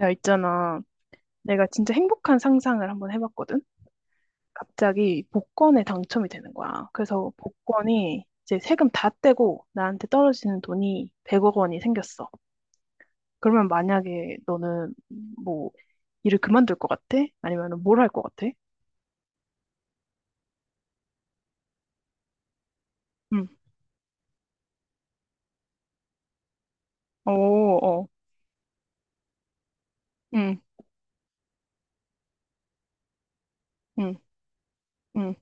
야, 있잖아. 내가 진짜 행복한 상상을 한번 해봤거든? 갑자기 복권에 당첨이 되는 거야. 그래서 복권이 이제 세금 다 떼고 나한테 떨어지는 돈이 100억 원이 생겼어. 그러면 만약에 너는 뭐 일을 그만둘 것 같아? 아니면 뭘 할 것 같아? 응. 오, 어. 응, 응, 응,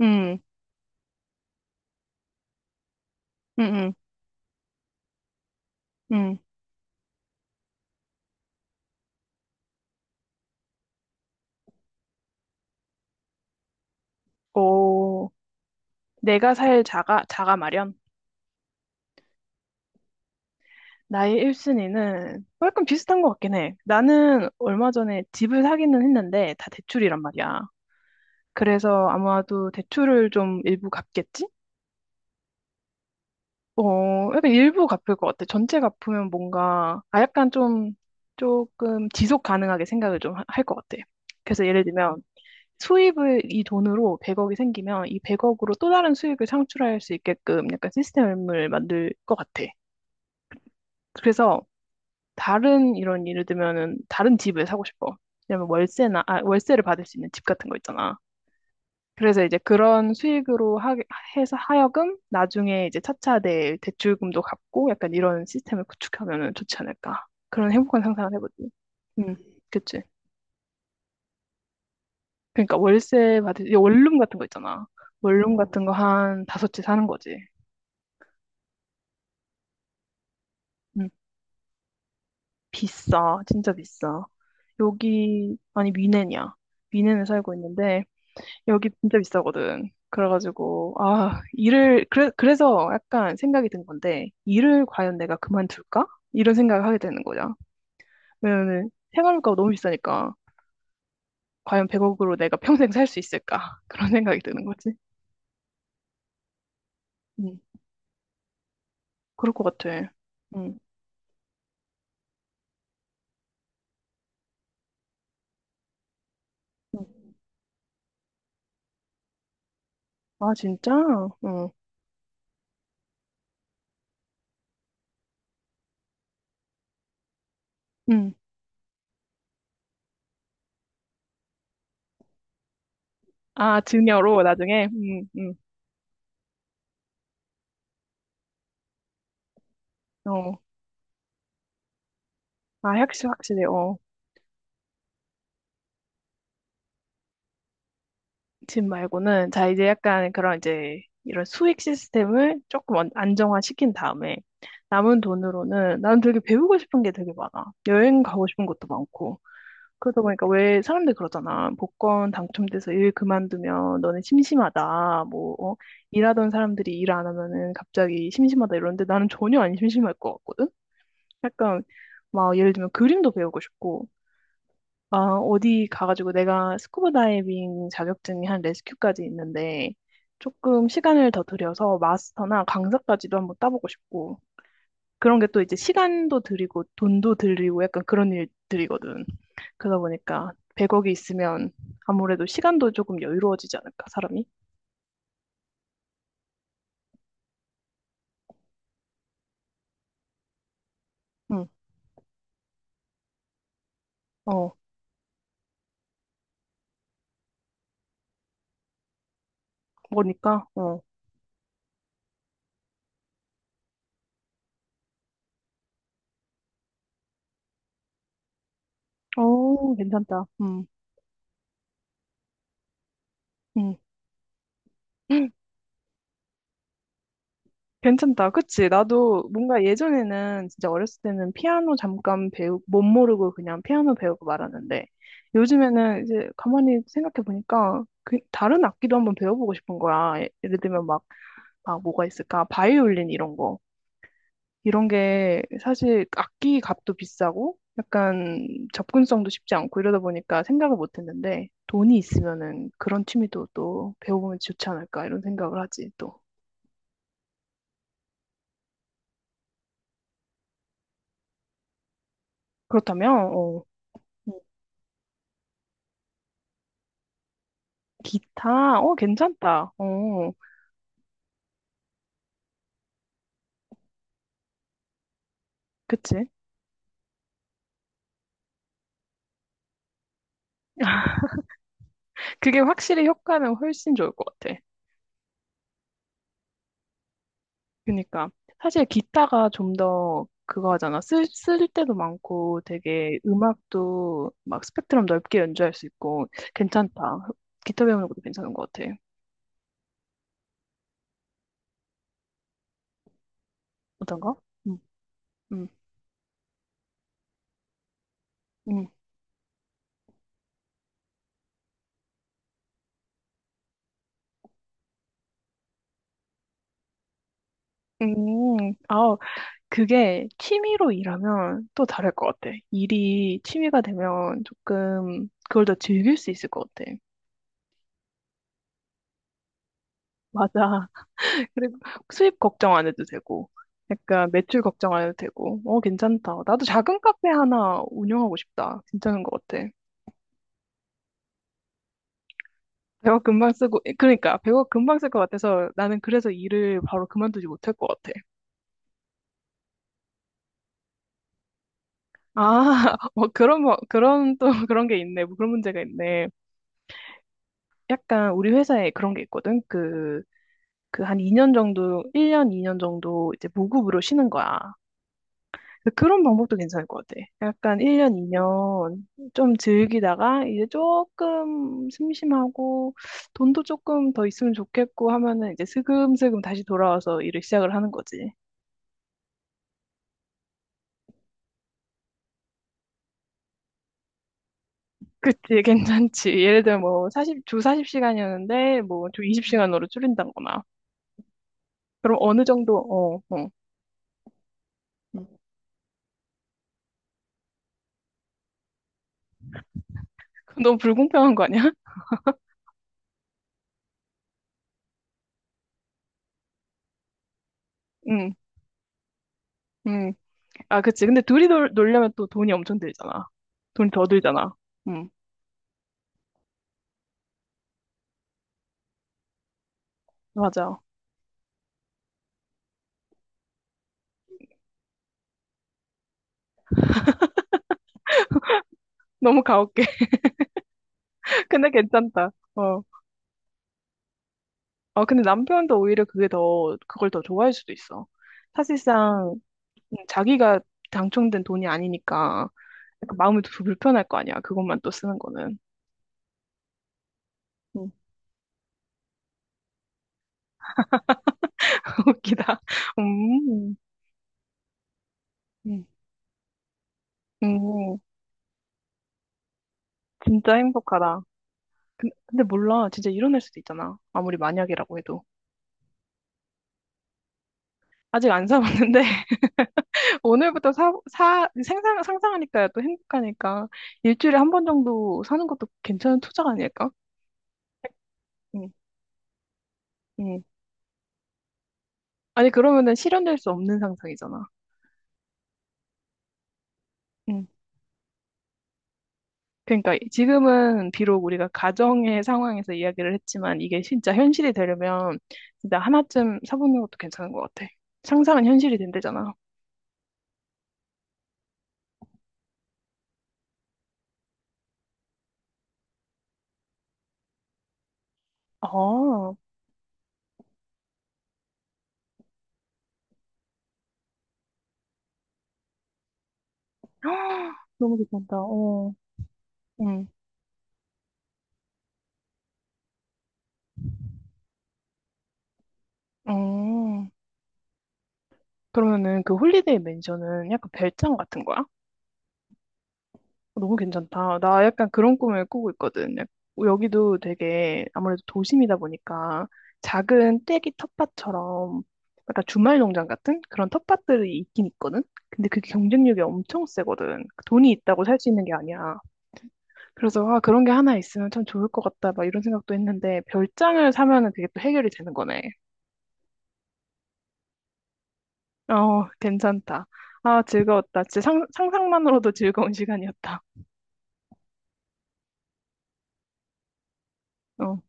응, 응, 응, 응. 오, 내가 살 자가 마련? 나의 1순위는 약간 비슷한 것 같긴 해. 나는 얼마 전에 집을 사기는 했는데 다 대출이란 말이야. 그래서 아마도 대출을 좀 일부 갚겠지? 어, 약간 일부 갚을 것 같아. 전체 갚으면 뭔가, 아, 약간 좀, 조금 지속 가능하게 생각을 좀 할 것 같아. 그래서 예를 들면, 수입을 이 돈으로 100억이 생기면 이 100억으로 또 다른 수익을 창출할 수 있게끔 약간 시스템을 만들 것 같아. 그래서 다른 이런 예를 들면은 다른 집을 사고 싶어. 왜냐면 월세나 아, 월세를 받을 수 있는 집 같은 거 있잖아. 그래서 이제 그런 수익으로 해서 하여금 나중에 이제 차차 내 대출금도 갚고 약간 이런 시스템을 구축하면은 좋지 않을까. 그런 행복한 상상을 해보지. 음, 그치. 그러니까 월세 받을, 이 원룸 같은 거 있잖아. 원룸 같은 거 한 다섯 채 사는 거지. 음, 비싸. 진짜 비싸. 여기, 아니, 미넨이야. 미넨에 살고 있는데, 여기 진짜 비싸거든. 그래가지고, 아, 일을, 그래, 그래서 약간 생각이 든 건데, 일을 과연 내가 그만둘까? 이런 생각을 하게 되는 거죠. 왜냐면은 생활비가 너무 비싸니까, 과연 100억으로 내가 평생 살 수 있을까? 그런 생각이 드는 거지. 음, 그럴 것 같아. 음, 음. 아, 진짜? 어, 음. 아, 증여로 나중에? 어. 아, 확실히, 어. 집 말고는 자 이제 약간 그런 이제 이런 수익 시스템을 조금 안정화시킨 다음에 남은 돈으로는 나는 되게 배우고 싶은 게 되게 많아. 여행 가고 싶은 것도 많고. 그러다 보니까 왜 사람들 이 그러잖아. 복권 당첨돼서 일 그만두면 너네 심심하다. 뭐 어? 일하던 사람들이 일 안 하면은 갑자기 심심하다 이러는데 나는 전혀 안 심심할 것 같거든. 약간 막 예를 들면 그림도 배우고 싶고 아, 어디 가가지고 내가 스쿠버 다이빙 자격증이 한 레스큐까지 있는데 조금 시간을 더 들여서 마스터나 강사까지도 한번 따보고 싶고 그런 게 또 이제 시간도 들이고 돈도 들이고 약간 그런 일들이거든. 그러다 보니까 100억이 있으면 아무래도 시간도 조금 여유로워지지 않을까, 사람이? 응, 어, 그러니까, 어, 어, 괜찮다. 음. 괜찮다. 그치? 나도 뭔가 예전에는 진짜 어렸을 때는 피아노 잠깐 못 모르고 그냥 피아노 배우고 말았는데 요즘에는 이제 가만히 생각해 보니까 그 다른 악기도 한번 배워보고 싶은 거야. 예를 들면 막, 막 뭐가 있을까? 바이올린 이런 거. 이런 게 사실 악기 값도 비싸고 약간 접근성도 쉽지 않고 이러다 보니까 생각을 못 했는데 돈이 있으면은 그런 취미도 또 배워보면 좋지 않을까 이런 생각을 하지 또. 그렇다면, 어. 기타? 어, 괜찮다. 어, 그치? 그게 확실히 효과는 훨씬 좋을 것 같아. 그니까. 사실 기타가 좀 더 그거 하잖아. 쓸 때도 많고 되게 음악도 막 스펙트럼 넓게 연주할 수 있고 괜찮다. 기타 배우는 것도 괜찮은 것 같아. 어떤가? 음, 음, 음. 아, 그게 취미로 일하면 또 다를 것 같아. 일이 취미가 되면 조금 그걸 더 즐길 수 있을 것 같아. 맞아. 그리고 수입 걱정 안 해도 되고, 약간 매출 걱정 안 해도 되고, 어, 괜찮다. 나도 작은 카페 하나 운영하고 싶다. 괜찮은 것 같아. 백억 금방 쓰고, 그러니까 백억 금방 쓸 것 같아서 나는 그래서 일을 바로 그만두지 못할 것 같아. 아, 뭐 그런, 뭐, 그런 또 그런 게 있네. 뭐 그런 문제가 있네. 약간 우리 회사에 그런 게 있거든. 그 한 2년 정도, 1년, 2년 정도 이제 무급으로 쉬는 거야. 그런 방법도 괜찮을 것 같아. 약간 1년, 2년 좀 즐기다가 이제 조금 심심하고 돈도 조금 더 있으면 좋겠고 하면은 이제 슬금슬금 다시 돌아와서 일을 시작을 하는 거지. 그치, 괜찮지. 예를 들어 뭐 40, 주 40시간이었는데 뭐 주 20시간으로 줄인다거나. 그럼 어느 정도, 어, 어. 그건 너무 불공평한 거 아니야? 응, 응. 아, 그치. 근데 둘이 놀려면 또 돈이 엄청 들잖아. 돈이 더 들잖아. 응, 맞아. 너무 가혹해. 근데 괜찮다. 어. 어, 근데 남편도 오히려 그게 더, 그걸 더 좋아할 수도 있어. 사실상 자기가 당첨된 돈이 아니니까 약간 마음이 더 불편할 거 아니야. 그것만 또 쓰는 거는. 음. 웃기다. 음, 음, 음, 진짜 행복하다. 근데 몰라. 진짜 일어날 수도 있잖아. 아무리 만약이라고 해도. 아직 안 사봤는데 오늘부터 상상하니까 또 행복하니까 일주일에 한 번 정도 사는 것도 괜찮은 투자가 아닐까? 음, 음. 아니, 그러면은 실현될 수 없는 상상이잖아. 응, 그러니까 지금은 비록 우리가 가정의 상황에서 이야기를 했지만 이게 진짜 현실이 되려면 진짜 하나쯤 사보는 것도 괜찮은 것 같아. 상상은 현실이 된대잖아. 아, 너무 괜찮다. 어, 응. 어. 그러면은 그 홀리데이 맨션은 약간 별장 같은 거야? 어, 너무 괜찮다. 나 약간 그런 꿈을 꾸고 있거든. 여기도 되게 아무래도 도심이다 보니까 작은 떼기 텃밭처럼 약간 주말 농장 같은 그런 텃밭들이 있긴 있거든. 근데 그게 경쟁력이 엄청 세거든. 그 돈이 있다고 살 수 있는 게 아니야. 그래서 아, 그런 게 하나 있으면 참 좋을 것 같다. 막 이런 생각도 했는데 별장을 사면은 그게 또 해결이 되는 거네. 어, 괜찮다. 아, 즐거웠다. 진짜 상상만으로도 즐거운 시간이었다. 어.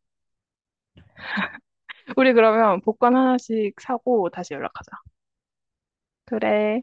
우리 그러면 복권 하나씩 사고 다시 연락하자. 그래.